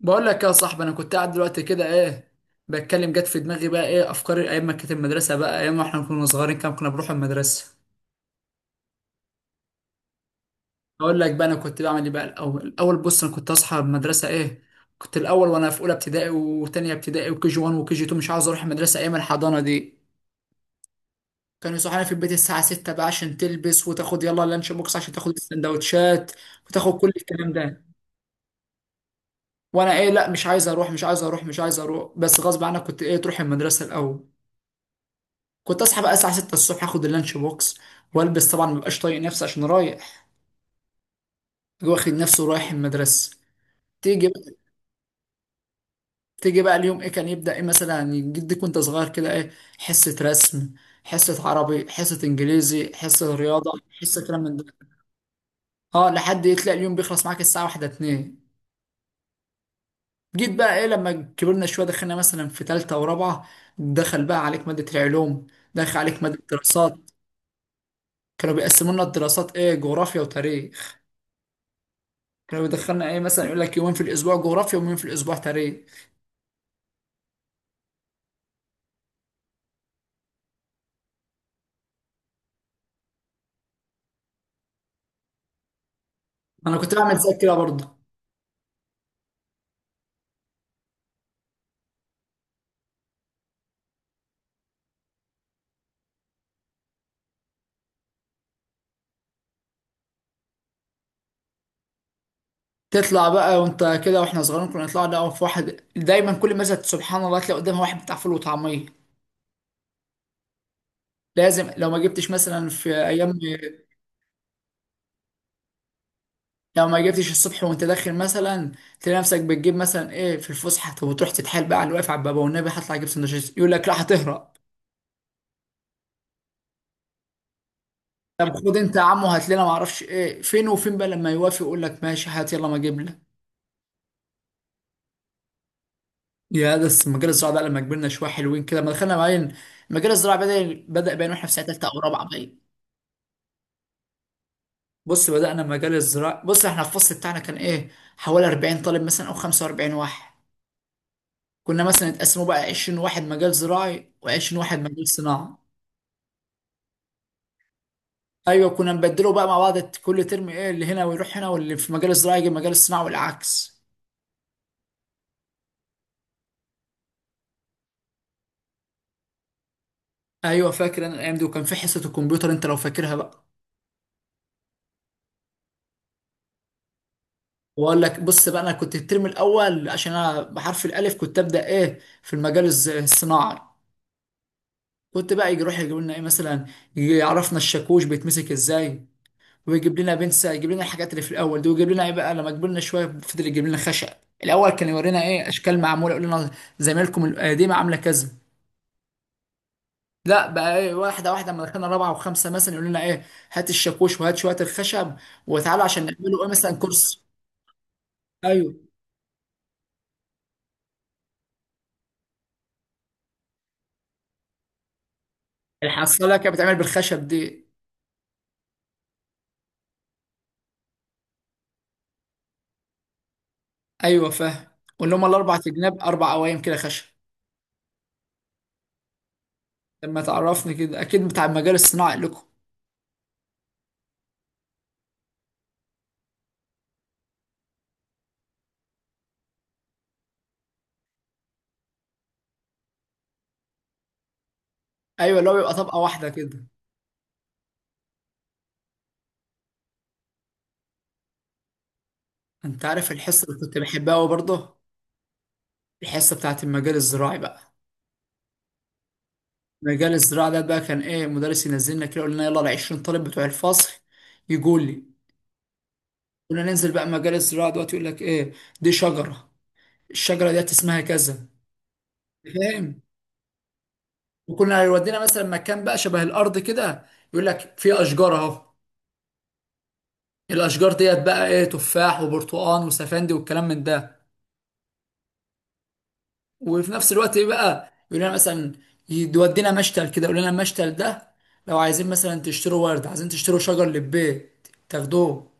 بقول لك يا صاحبي، انا كنت قاعد دلوقتي كده ايه، بتكلم. جت في دماغي بقى ايه، افكار ايام ما كانت المدرسه بقى، ايام ما احنا كنا صغيرين كام كنا بنروح المدرسه. اقول لك بقى انا كنت بعمل ايه بقى. الاول بص، انا كنت اصحى من المدرسه ايه، كنت الاول وانا في اولى ابتدائي وتانية ابتدائي وكي جي 1 وكي جي 2 مش عاوز اروح المدرسه ايام الحضانه دي. كانوا يصحوني في البيت الساعه 6 بقى عشان تلبس وتاخد، يلا اللانش بوكس عشان تاخد السندوتشات وتاخد كل الكلام ده. وانا ايه، لا مش عايز اروح مش عايز اروح مش عايز اروح، بس غصب عنك كنت ايه تروح المدرسه الاول. كنت اصحى بقى الساعه 6 الصبح، اخد اللانش بوكس والبس، طبعا مبقاش طايق نفسي عشان رايح، واخد نفسي ورايح المدرسه. تيجي بقى، تيجي بقى اليوم ايه كان يبدا، ايه مثلا جدك وانت صغير كده ايه، حصه رسم، حصه عربي، حصه انجليزي، حصه رياضه، حصه كلام من ده. اه، لحد ايه تلاقي اليوم بيخلص معاك الساعه 1 2. جيت بقى ايه لما كبرنا شويه، دخلنا مثلا في ثالثه ورابعه، دخل بقى عليك ماده العلوم، دخل عليك ماده الدراسات. كانوا بيقسموا لنا الدراسات ايه، جغرافيا وتاريخ. كانوا بيدخلنا ايه، مثلا يقول لك يومين في الاسبوع جغرافيا ويومين في الاسبوع تاريخ. انا كنت بعمل زي كده برضه. تطلع بقى وانت كده، واحنا صغيرين كنا نطلع، ده في واحد دايما كل مثلا سبحان الله تلاقي قدامها واحد بتاع فول وطعميه. لازم، لو ما جبتش مثلا في ايام، لو ما جبتش الصبح وانت داخل، مثلا تلاقي نفسك بتجيب مثلا ايه في الفسحه. طب وتروح تتحايل بقى على اللي واقف على الباب، والنبي هطلع اجيب سندوتشات، يقول لك لا هتهرب. طب خد انت يا عمو هات لنا، ما اعرفش ايه فين وفين بقى، لما يوافق يقول لك ماشي هات، يلا ما اجيب لك. يا ده، بس مجال الزراعة بقى لما كبرنا شوية حلوين كده، لما دخلنا باين مجال الزراعة، بدأ باين واحنا في سنة تالتة أو رابعة باين. بص، بدأنا مجال الزراعة. بص احنا الفصل بتاعنا كان ايه، حوالي 40 طالب مثلا أو 45 واحد. كنا مثلا اتقسموا بقى 20 واحد مجال زراعي و20 واحد مجال صناعة. أيوة، كنا نبدله بقى مع بعض كل ترم، ايه اللي هنا ويروح هنا، واللي في مجال الزراعة يجي مجال الصناعة والعكس. أيوة، فاكر أنا الأيام دي، وكان في حصة الكمبيوتر أنت لو فاكرها بقى. واقول لك، بص بقى انا كنت الترم الاول عشان انا بحرف الالف، كنت ابدا ايه في الصناعي. كنت بقى يجي، يروح يجيب لنا ايه مثلا، يجي يعرفنا الشاكوش بيتمسك ازاي، ويجيب لنا بنسة، يجيب لنا الحاجات اللي في الاول دي، ويجيب لنا ايه بقى لما كبرنا شويه، فضل يجيب لنا خشب. الاول كان يورينا ايه، اشكال معموله يقول لنا زمايلكم القديمه عامله كذا. لا بقى ايه، واحده واحده، لما دخلنا رابعه وخمسه مثلا يقول لنا ايه، هات الشاكوش وهات شويه الخشب وتعالوا عشان نعمله ايه، مثلا كرسي. ايوه، الحصاله كانت بتعمل بالخشب دي. ايوه فاهم، واللي هم الاربع جناب، اربع قوايم كده خشب. لما تعرفني كده اكيد بتاع المجال الصناعي لكم. ايوه، اللي هو بيبقى طبقه واحده كده. انت عارف الحصه اللي كنت بحبها قوي برضه، الحصه بتاعت المجال الزراعي بقى. المجال الزراعي ده بقى كان ايه، مدرس ينزلنا كده يقول لنا يلا ال 20 طالب بتوع الفصل يجوا لي. كنا ننزل بقى مجال الزراعه دلوقتي، يقول لك ايه، دي شجره، الشجره ديت اسمها كذا، فاهم. وكنا يودينا مثلا مكان بقى شبه الارض كده، يقول لك في اشجار اهو، الاشجار ديت بقى ايه، تفاح وبرتقال وسفندي والكلام من ده. وفي نفس الوقت ايه بقى يقول لنا مثلا، يودينا مشتل كده، يقول لنا المشتل ده لو عايزين مثلا تشتروا ورد، عايزين تشتروا شجر للبيت تاخدوه.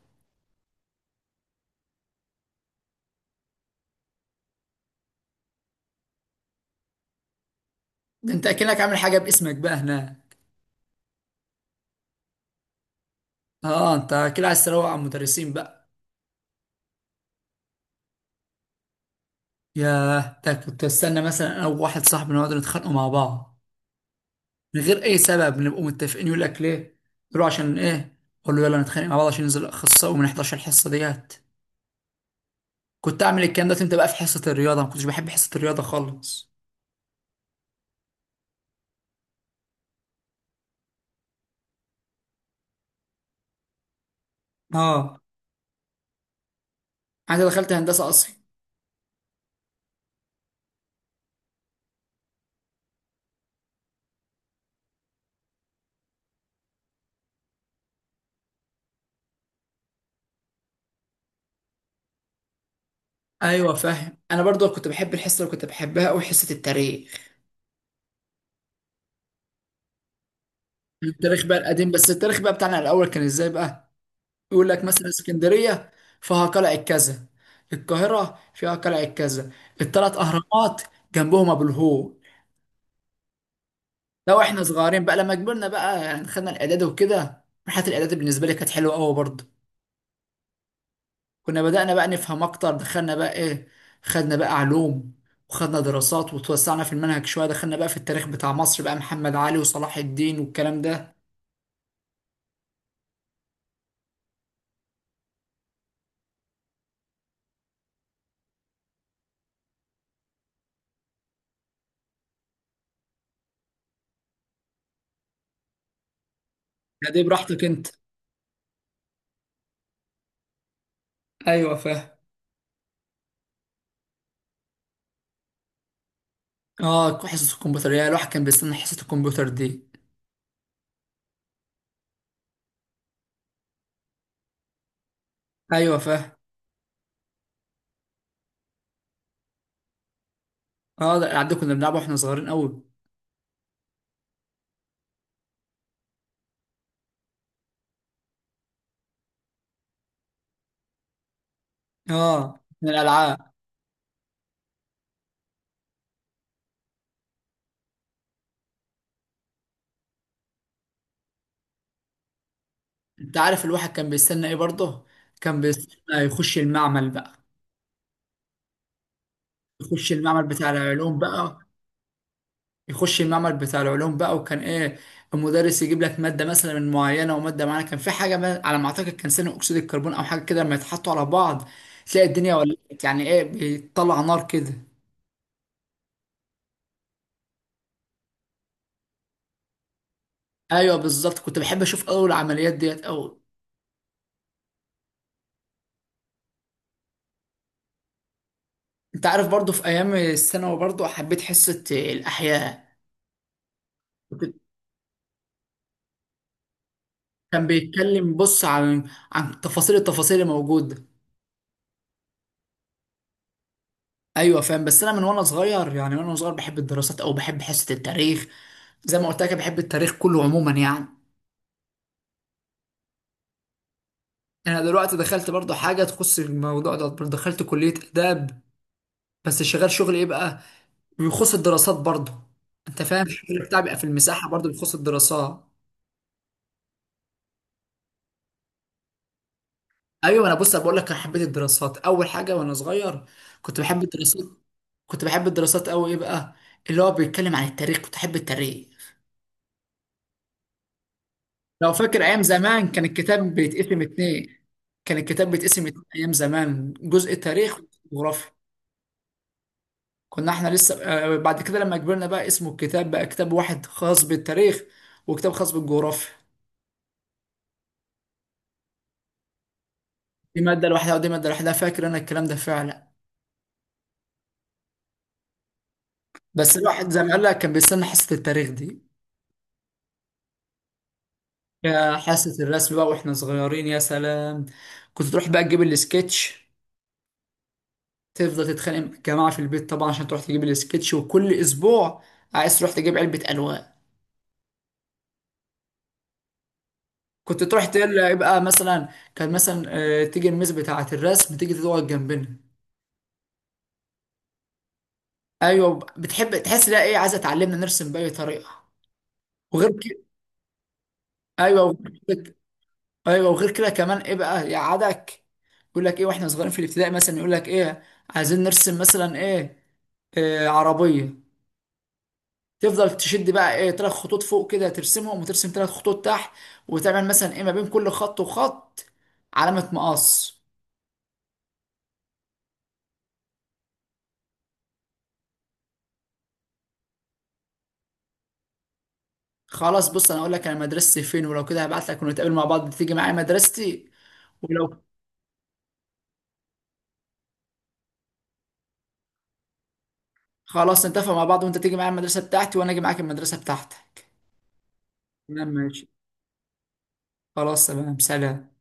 ده انت اكنك عامل حاجه باسمك بقى هنا. اه، انت كده عايز تروق على المدرسين بقى. ياه، ده كنت استنى مثلا انا وواحد صاحبي نقعد نتخانقوا مع بعض من غير اي سبب، نبقوا متفقين. يقول لك ليه؟ يقول له عشان ايه؟ اقول له يلا نتخانق مع بعض عشان ننزل اخصائي وما نحضرش الحصه ديت. كنت اعمل الكلام ده امتى بقى، في حصه الرياضه ما كنتش بحب حصه الرياضه خالص. اه، انا دخلت هندسه اصلا. ايوه فاهم، انا برضو كنت بحب الحصه اللي كنت بحبها قوي، حصه التاريخ. التاريخ بقى القديم، بس التاريخ بقى بتاعنا الاول كان ازاي بقى، يقول لك مثلا اسكندريه فيها قلعه كذا، القاهره فيها قلعه كذا، الثلاث اهرامات جنبهم ابو الهول. لو احنا صغيرين بقى، لما كبرنا بقى يعني خدنا الاعداد وكده. مرحله الاعداد بالنسبه لي كانت حلوه قوي برضو. كنا بدأنا بقى نفهم أكتر، دخلنا بقى إيه، خدنا بقى علوم وخدنا دراسات، وتوسعنا في المنهج شوية، دخلنا بقى في التاريخ بتاع مصر بقى، محمد علي وصلاح الدين والكلام ده. لا دي براحتك أنت. أيوة فاهم. آه، حصة الكمبيوتر، يا الواحد كان بيستنى حصة الكمبيوتر دي. أيوة فاهم. آه ده الألعاب دي كنا بنلعبها وإحنا صغيرين أوي. آه، من الألعاب. أنت عارف الواحد كان بيستنى إيه برضه، كان بيستنى يخش المعمل بقى، يخش المعمل بتاع العلوم بقى يخش المعمل بتاع العلوم بقى وكان ايه، المدرس يجيب لك ماده مثلا من معينه وماده معينه، كان في حاجه ما على ما اعتقد كان ثاني اكسيد الكربون او حاجه كده، لما يتحطوا على بعض تلاقي الدنيا ولعت، يعني ايه بيطلع نار كده. ايوه بالظبط، كنت بحب اشوف اول العمليات ديت او. انت عارف برضو في ايام الثانوي برضو حبيت حصه الاحياء. كنت- كان بيتكلم بص عن تفاصيل، التفاصيل الموجوده. ايوه فاهم، بس انا من وانا صغير يعني، وانا صغير بحب الدراسات او بحب حصه التاريخ. زي ما قلت لك بحب التاريخ كله عموما يعني. انا دلوقتي دخلت برضو حاجه تخص الموضوع ده، دخلت كليه اداب، بس شغال شغل ايه بقى بيخص الدراسات برضو. انت فاهم الشغل بتاعي بيبقى في المساحه، برضو بيخص الدراسات. ايوه، انا بص أنا بقول لك انا حبيت الدراسات اول حاجه وانا صغير، كنت بحب الدراسات، كنت بحب الدراسات قوي ايه بقى، اللي هو بيتكلم عن التاريخ، كنت احب التاريخ. لو فاكر ايام زمان كان الكتاب بيتقسم اتنين، كان الكتاب بيتقسم اتنين ايام زمان، جزء تاريخ وجغرافيا. كنا احنا لسه آه، بعد كده لما كبرنا بقى اسمه الكتاب بقى كتاب واحد خاص بالتاريخ وكتاب خاص بالجغرافيا. دي مادة لوحدها ودي مادة لوحدها، فاكر انا الكلام ده فعلا. بس الواحد زي ما قال لك كان بيستنى حصة التاريخ دي. يا حصة الرسم بقى واحنا صغيرين، يا سلام. كنت تروح بقى تجيب السكتش، تفضل تتخانق مع الجماعة في البيت طبعا عشان تروح تجيب السكتش، وكل اسبوع عايز تروح تجيب علبة ألوان. كنت تروح تقول له يبقى مثلا، كان مثلا آه، تيجي الميس بتاعة الرسم تيجي تقعد جنبنا. ايوه، بتحب تحس لها ايه، عايزه تعلمنا نرسم باي طريقه، وغير كده. ايوه، وغير كده. ايوه وغير كده كمان ايه بقى يقعدك، يقول لك ايه واحنا صغيرين في الابتدائي مثلا، يقول لك ايه عايزين نرسم مثلا ايه، آه عربيه. تفضل تشد بقى ايه، ثلاث خطوط فوق كده ترسمهم، وترسم ثلاث خطوط تحت، وتعمل مثلا ايه ما بين كل خط وخط علامه مقص. خلاص بص، انا اقول لك انا مدرستي فين، ولو كده هبعت لك ونتقابل مع بعض تيجي معايا مدرستي. ولو خلاص نتفق مع بعض وانت تيجي معايا المدرسة بتاعتي وانا اجي معاك المدرسة بتاعتك. تمام، ماشي. خلاص تمام، سلام.